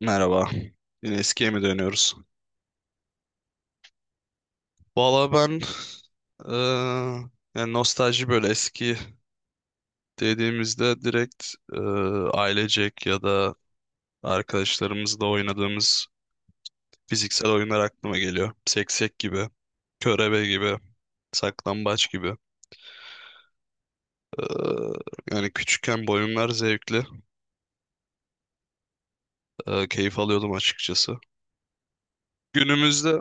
Merhaba. Yine eskiye mi dönüyoruz? Valla ben yani nostalji böyle eski dediğimizde direkt eee, ailecek ya da arkadaşlarımızla oynadığımız fiziksel oyunlar aklıma geliyor. Seksek gibi, körebe gibi, saklambaç gibi. Eee, Yani küçükken bu oyunlar zevkli. Keyif alıyordum açıkçası. Günümüzde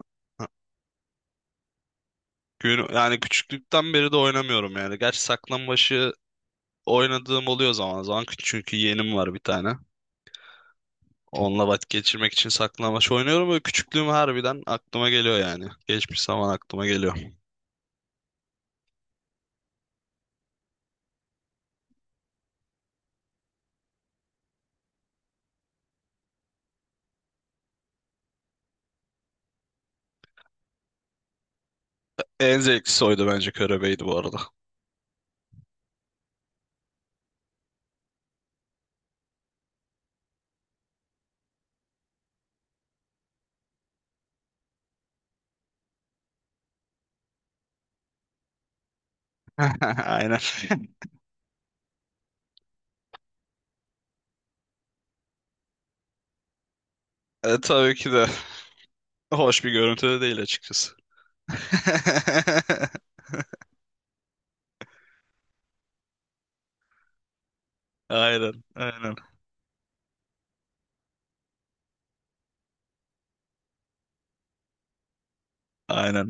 yani küçüklükten beri de oynamıyorum yani. Gerçi saklambaçı oynadığım oluyor zaman zaman çünkü yeğenim var bir tane. Onunla vakit geçirmek için saklanmaç oynuyorum. Böyle küçüklüğüm harbiden aklıma geliyor yani. Geçmiş zaman aklıma geliyor. En zevklisi oydu bence körebeydi bu arada. Aynen. Tabii ki de hoş bir görüntü de değil açıkçası. Aynen, aynen. Aynen.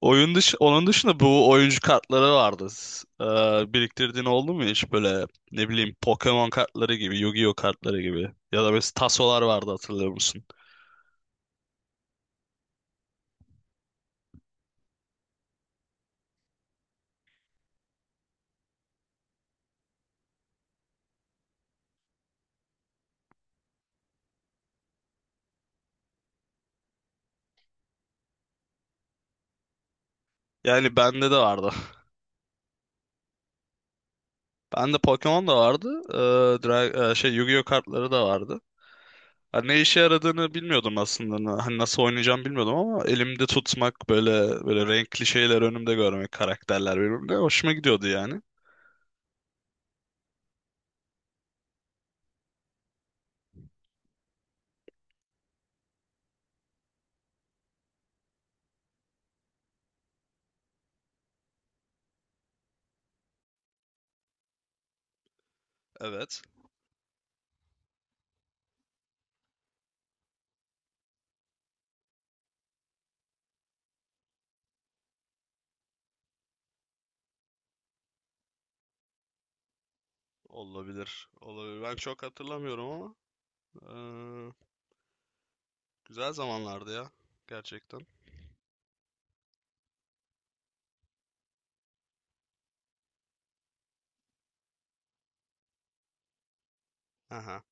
Oyun dış Onun dışında bu oyuncu kartları vardı. Biriktirdiğin oldu mu hiç böyle ne bileyim Pokemon kartları gibi, Yu-Gi-Oh kartları gibi ya da mesela tasolar vardı hatırlıyor musun? Yani bende de vardı. Bende Pokemon da vardı. Şey Yu-Gi-Oh kartları da vardı. Ha, ne işe yaradığını bilmiyordum aslında. Hani nasıl oynayacağımı bilmiyordum ama elimde tutmak böyle renkli şeyler önümde görmek karakterler birbirine hoşuma gidiyordu yani. Evet. Olabilir. Olabilir. Ben çok hatırlamıyorum ama. Güzel zamanlardı ya gerçekten. Aha,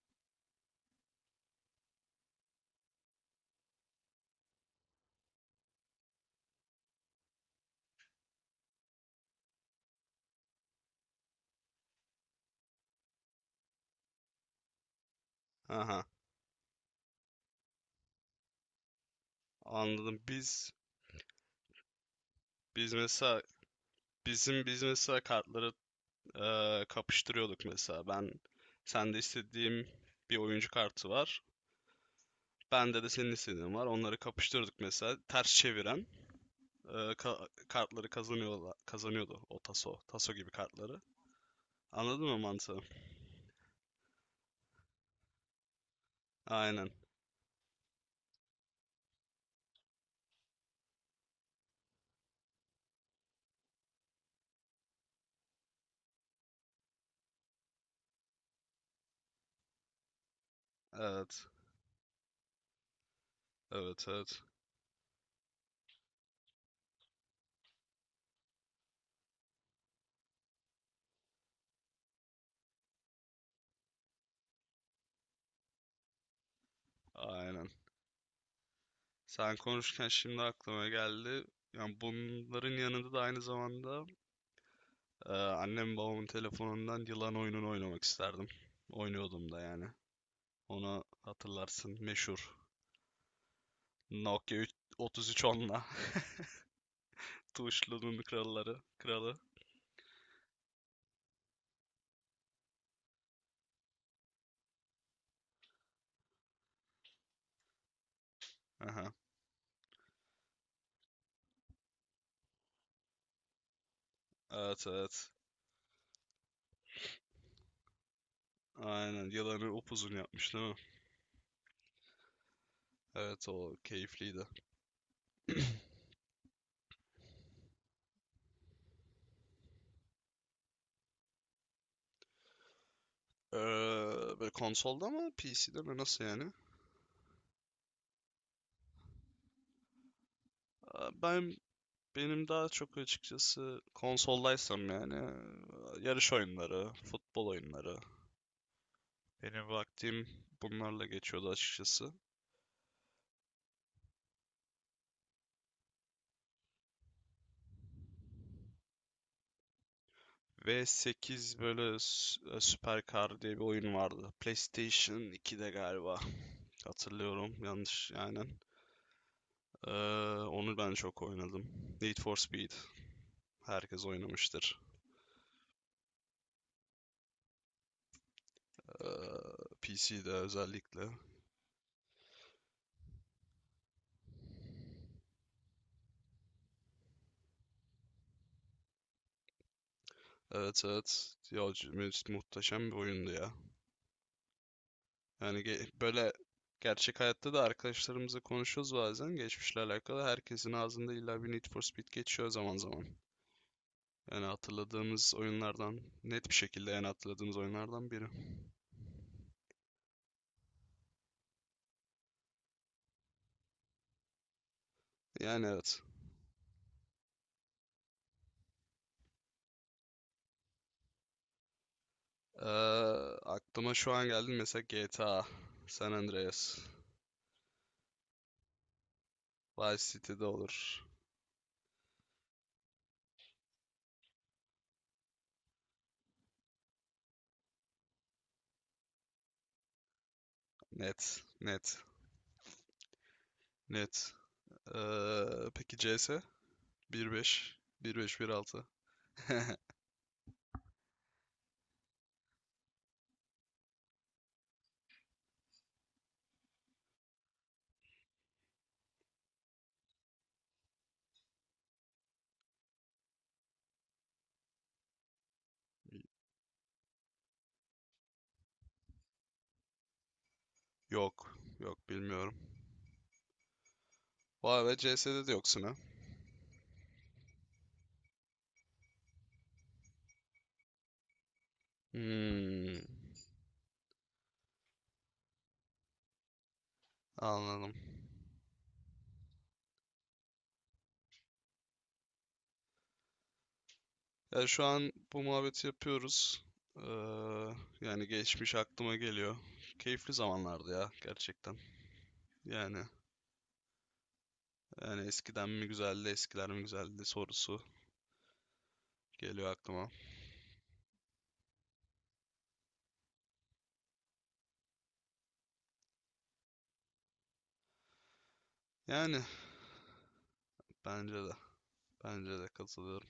aha. Anladım. Biz mesela biz mesela kartları kapıştırıyorduk mesela. Ben sende istediğim bir oyuncu kartı var. Bende de senin istediğin var. Onları kapıştırdık mesela. Ters çeviren kartları kazanıyordu o taso. Taso gibi kartları. Anladın mı mantığı? Aynen. Evet. Evet, evet. Aynen. Sen konuşurken şimdi aklıma geldi. Yani bunların yanında da aynı zamanda annem babamın telefonundan yılan oyununu oynamak isterdim. Oynuyordum da yani. Onu hatırlarsın meşhur. Nokia 3310'la. Tuşlunun kralları. Kralı. Aha. Evet evet. Aynen yılanı upuzun yapmış değil mi? Evet o keyifliydi. Eee, Böyle konsolda mı PC'de mi nasıl yani? Aa, Ben Benim daha çok açıkçası konsoldaysam yani yarış oyunları, futbol oyunları. Benim vaktim bunlarla geçiyordu açıkçası. V sekiz böyle Süper Car diye bir oyun vardı. PlayStation 2'de galiba. Hatırlıyorum yanlış aynen. Ee, Onu ben çok oynadım. Need for Speed. Herkes oynamıştır. Ee, PC'de özellikle. Evet evet. Ya, muhteşem bir oyundu ya. Yani böyle gerçek hayatta da arkadaşlarımızla konuşuyoruz bazen geçmişle alakalı. Herkesin ağzında illa bir Need for Speed geçiyor zaman zaman. Yani hatırladığımız oyunlardan net bir şekilde en hatırladığımız oyunlardan biri. Yani evet. Ee, Aklıma şu an geldi mesela GTA, San Andreas, Vice City'de olur. Net, net, net. Ee, peki CS? 1.5, 1.5, 1.6. Yok, yok bilmiyorum. Vay be CS'de de yoksun ha. Hmm, anladım. Ya şu an bu muhabbeti yapıyoruz. Ee, Yani geçmiş aklıma geliyor. Keyifli zamanlardı ya gerçekten. Yani yani eskiden mi güzeldi, eskiler mi güzeldi sorusu geliyor aklıma. Yani bence de bence de katılıyorum.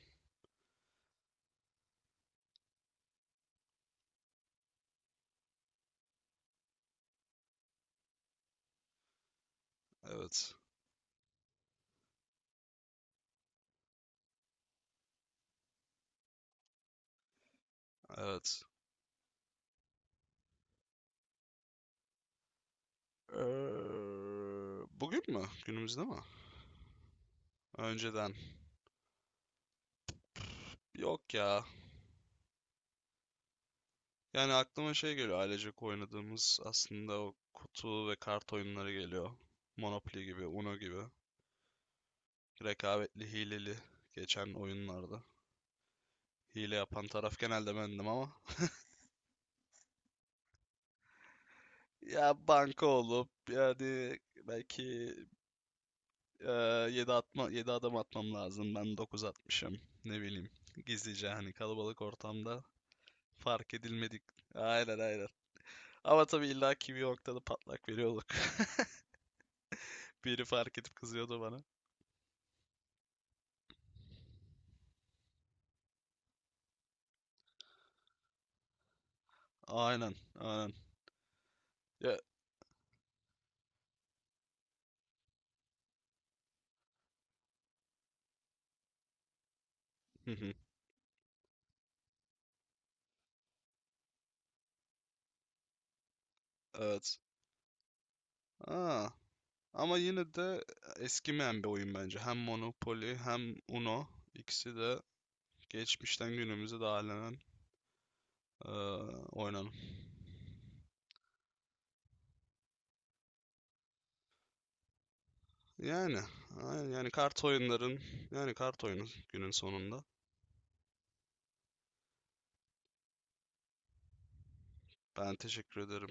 Evet. Evet. Ee, Bugün mü? Günümüzde mi? Önceden. Yok ya. Yani aklıma şey geliyor ailecek oynadığımız aslında o kutu ve kart oyunları geliyor. Monopoly gibi, Uno gibi. Rekabetli, hileli geçen oyunlarda. Hile yapan taraf genelde bendim ama. Ya banka olup yani belki e, 7 atma 7 adım atmam lazım. Ben 9 atmışım. Ne bileyim. Gizlice hani kalabalık ortamda fark edilmedik. Aynen aynen. Ama tabii illa ki bir noktada patlak veriyorduk. Biri fark edip kızıyordu bana. Aynen, aynen. Ya, hı hı. Evet. Aa, Ama yine de eskimeyen bir oyun bence. Hem Monopoly hem Uno ikisi de geçmişten günümüze dağılanan eee oynanan. Yani, aynen, yani kart oyunların yani kart oyunu günün sonunda. Ben teşekkür ederim.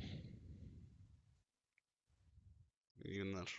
İyi günler.